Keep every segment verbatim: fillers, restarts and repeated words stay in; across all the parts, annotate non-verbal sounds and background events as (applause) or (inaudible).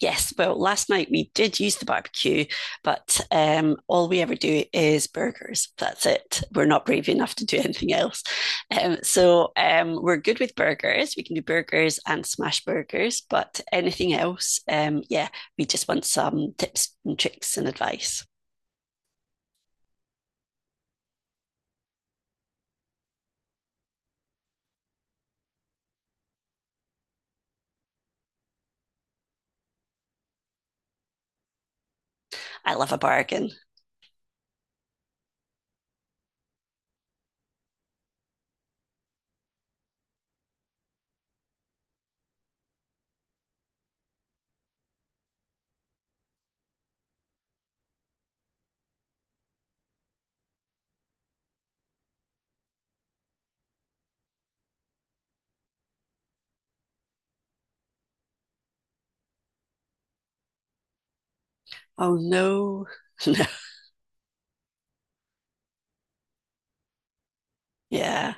Yes, well, last night we did use the barbecue, but um, all we ever do is burgers. That's it. We're not brave enough to do (laughs) anything else. Um, so um, we're good with burgers. We can do burgers and smash burgers, but anything else, um, yeah, we just want some tips and tricks and advice. I love a bargain. Oh, no. (laughs) No. Yeah,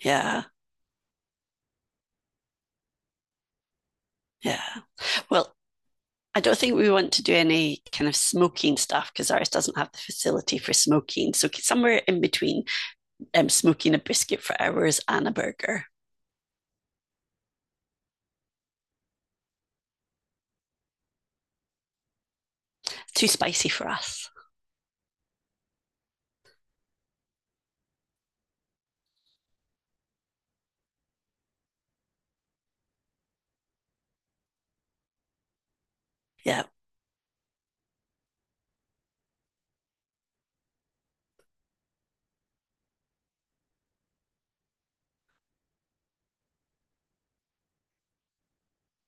yeah, yeah. Well, I don't think we want to do any kind of smoking stuff because ours doesn't have the facility for smoking. So somewhere in between um, smoking a brisket for hours and a burger. Too spicy for us. Yeah.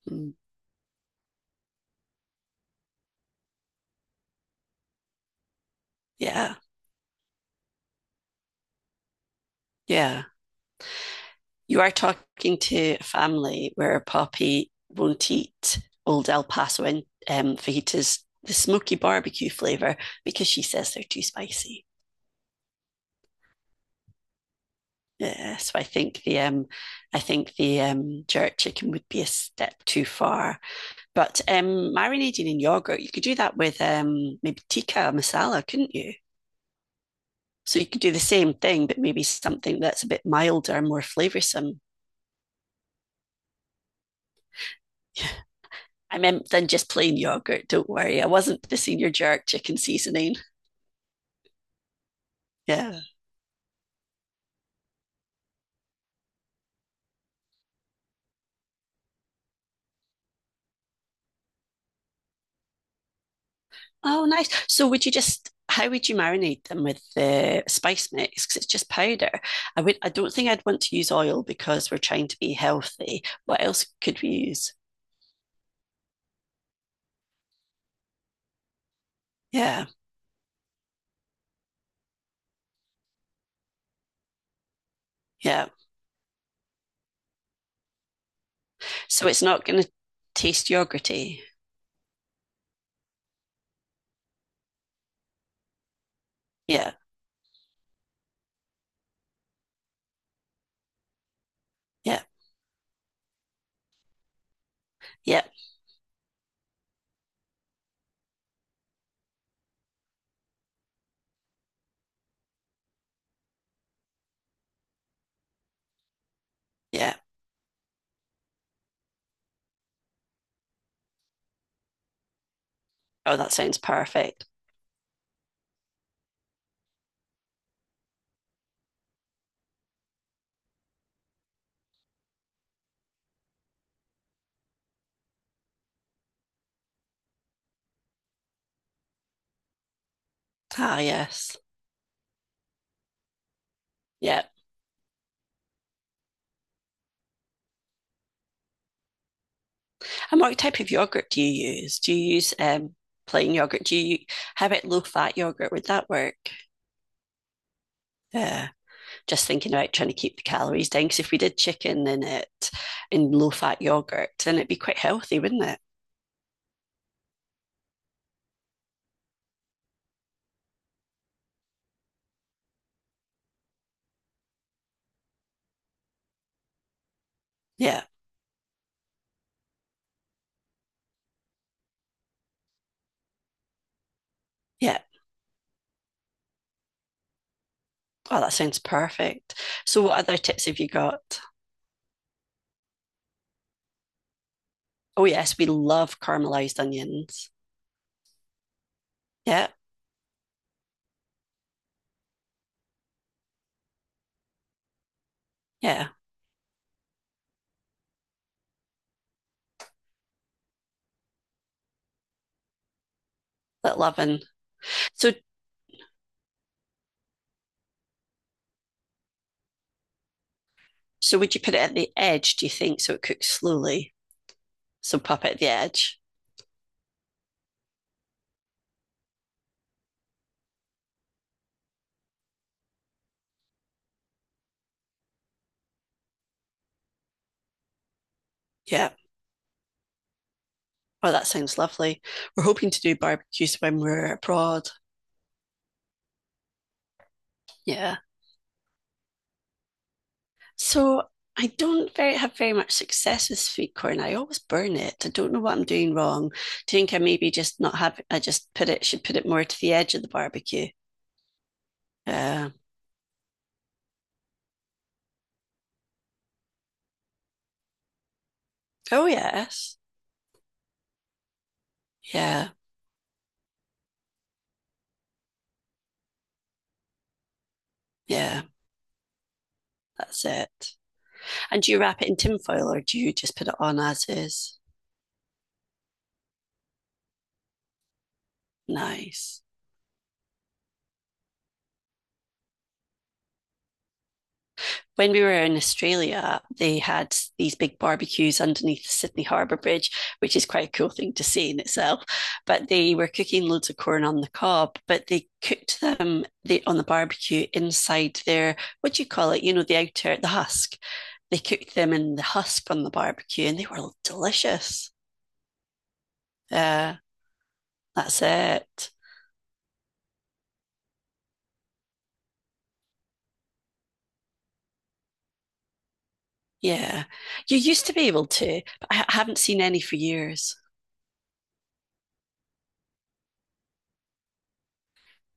Mm, yeah. Yeah. You are talking to a family where Poppy won't eat old El Paso and um, fajitas, the smoky barbecue flavor, because she says they're too spicy. Yeah, so I think the um, I think the um, jerk chicken would be a step too far. But um, marinating in yogurt, you could do that with um, maybe tikka masala, couldn't you? So you could do the same thing, but maybe something that's a bit milder, more flavoursome. (laughs) I meant than just plain yogurt. Don't worry, I wasn't missing your jerk chicken seasoning. Yeah. Oh, nice. So would you just? How would you marinate them with the spice mix? Because it's just powder. I would. I don't think I'd want to use oil because we're trying to be healthy. What else could we use? Yeah, yeah. So it's not going to taste yogurty. Yeah, yeah, yeah, yeah. Oh, that sounds perfect. Ah, yes. Yeah. And what type of yogurt do you use? Do you use um plain yogurt? Do you How about low fat yogurt? Would that work? Yeah. Just thinking about trying to keep the calories down. Because if we did chicken in it in low fat yogurt, then it'd be quite healthy, wouldn't it? Yeah. Yeah. Oh, that sounds perfect. So what other tips have you got? Oh yes, we love caramelized onions. Yeah. Yeah. That loving. So So would you put it at the edge, do you think, so it cooks slowly? So pop it at the edge. Yeah. Oh, that sounds lovely. We're hoping to do barbecues when we're abroad. Yeah. So I don't very have very much success with sweet corn. I always burn it. I don't know what I'm doing wrong. Do you think I maybe just not have I just put it should put it more to the edge of the barbecue? Yeah. Oh yes. Yeah. Yeah. That's it. And do you wrap it in tin foil or do you just put it on as is? Nice. When we were in Australia, they had these big barbecues underneath the Sydney Harbour Bridge, which is quite a cool thing to see in itself. But they were cooking loads of corn on the cob, but they cooked them they, on the barbecue inside their, what do you call it? You know, the outer, the husk. They cooked them in the husk on the barbecue and they were delicious. Uh, that's it. Yeah. You used to be able to, but I haven't seen any for years.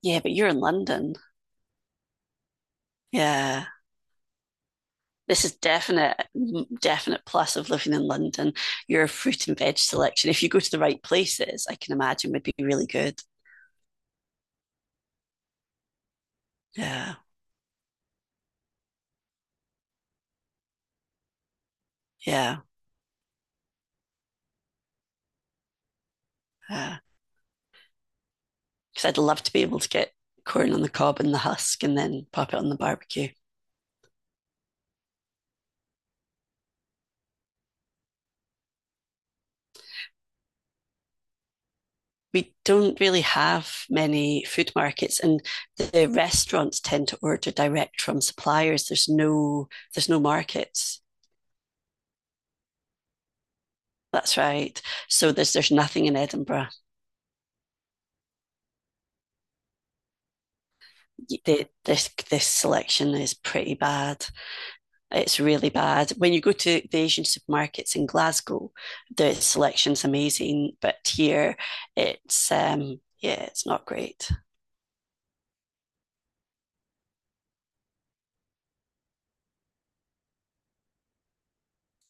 Yeah, but you're in London. Yeah. This is definite definite plus of living in London. Your fruit and veg selection, if you go to the right places, I can imagine would be really good. Yeah, yeah, yeah. Because I'd love to be able to get corn on the cob and the husk, and then pop it on the barbecue. We don't really have many food markets, and the restaurants tend to order direct from suppliers. There's no there's no markets. That's right. So there's there's nothing in Edinburgh. The, this this selection is pretty bad. It's really bad. When you go to the Asian supermarkets in Glasgow, the selection's amazing, but here it's um yeah, it's not great.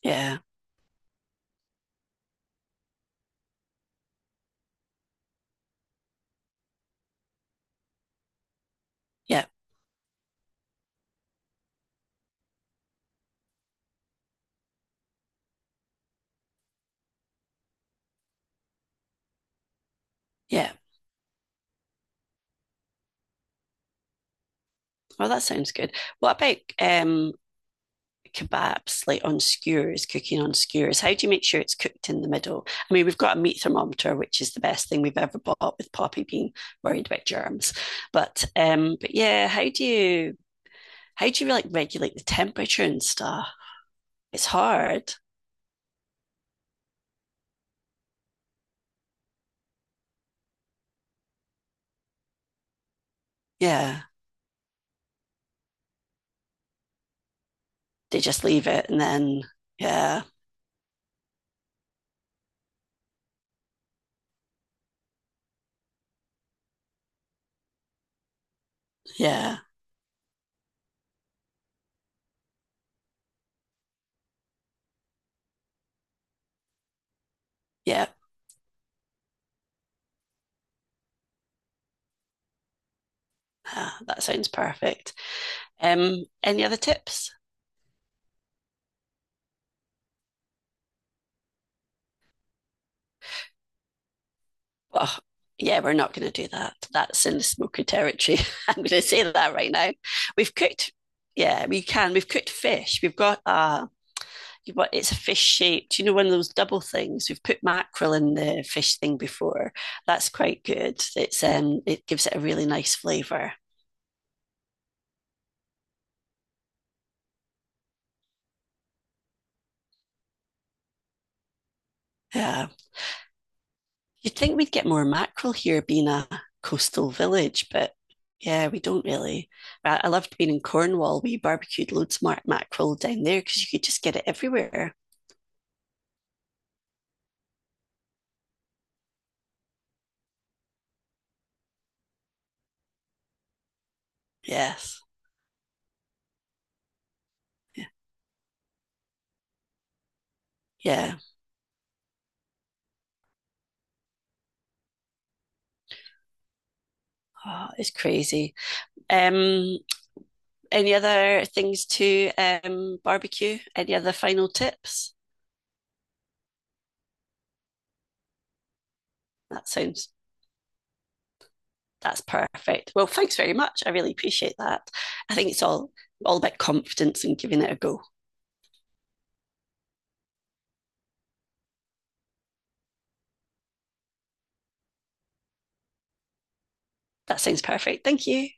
Yeah, yeah, yeah. Well, that sounds good. What about um kebabs like on skewers, cooking on skewers? How do you make sure it's cooked in the middle? I mean, we've got a meat thermometer, which is the best thing we've ever bought with Poppy being worried about germs. But um, but yeah, how do you how do you like regulate the temperature and stuff? It's hard. Yeah. They just leave it and then yeah, yeah, yeah. Ah, that sounds perfect. Um, any other tips? Oh, yeah, we're not going to do that. That's in the smoky territory. (laughs) I'm going to say that right now. We've cooked. Yeah, we can. We've cooked fish. We've got uh, you it's a fish shaped. You know, one of those double things. We've put mackerel in the fish thing before. That's quite good. It's um, it gives it a really nice flavour. Yeah. You'd think we'd get more mackerel here being a coastal village, but yeah, we don't really. I loved being in Cornwall. We barbecued loads of mar- mackerel down there because you could just get it everywhere. Yes. Yeah. Yeah. Oh, it's crazy. Um, any other things to um barbecue? Any other final tips? That sounds that's perfect. Well, thanks very much. I really appreciate that. I think it's all all about confidence and giving it a go. That sounds perfect. Thank you.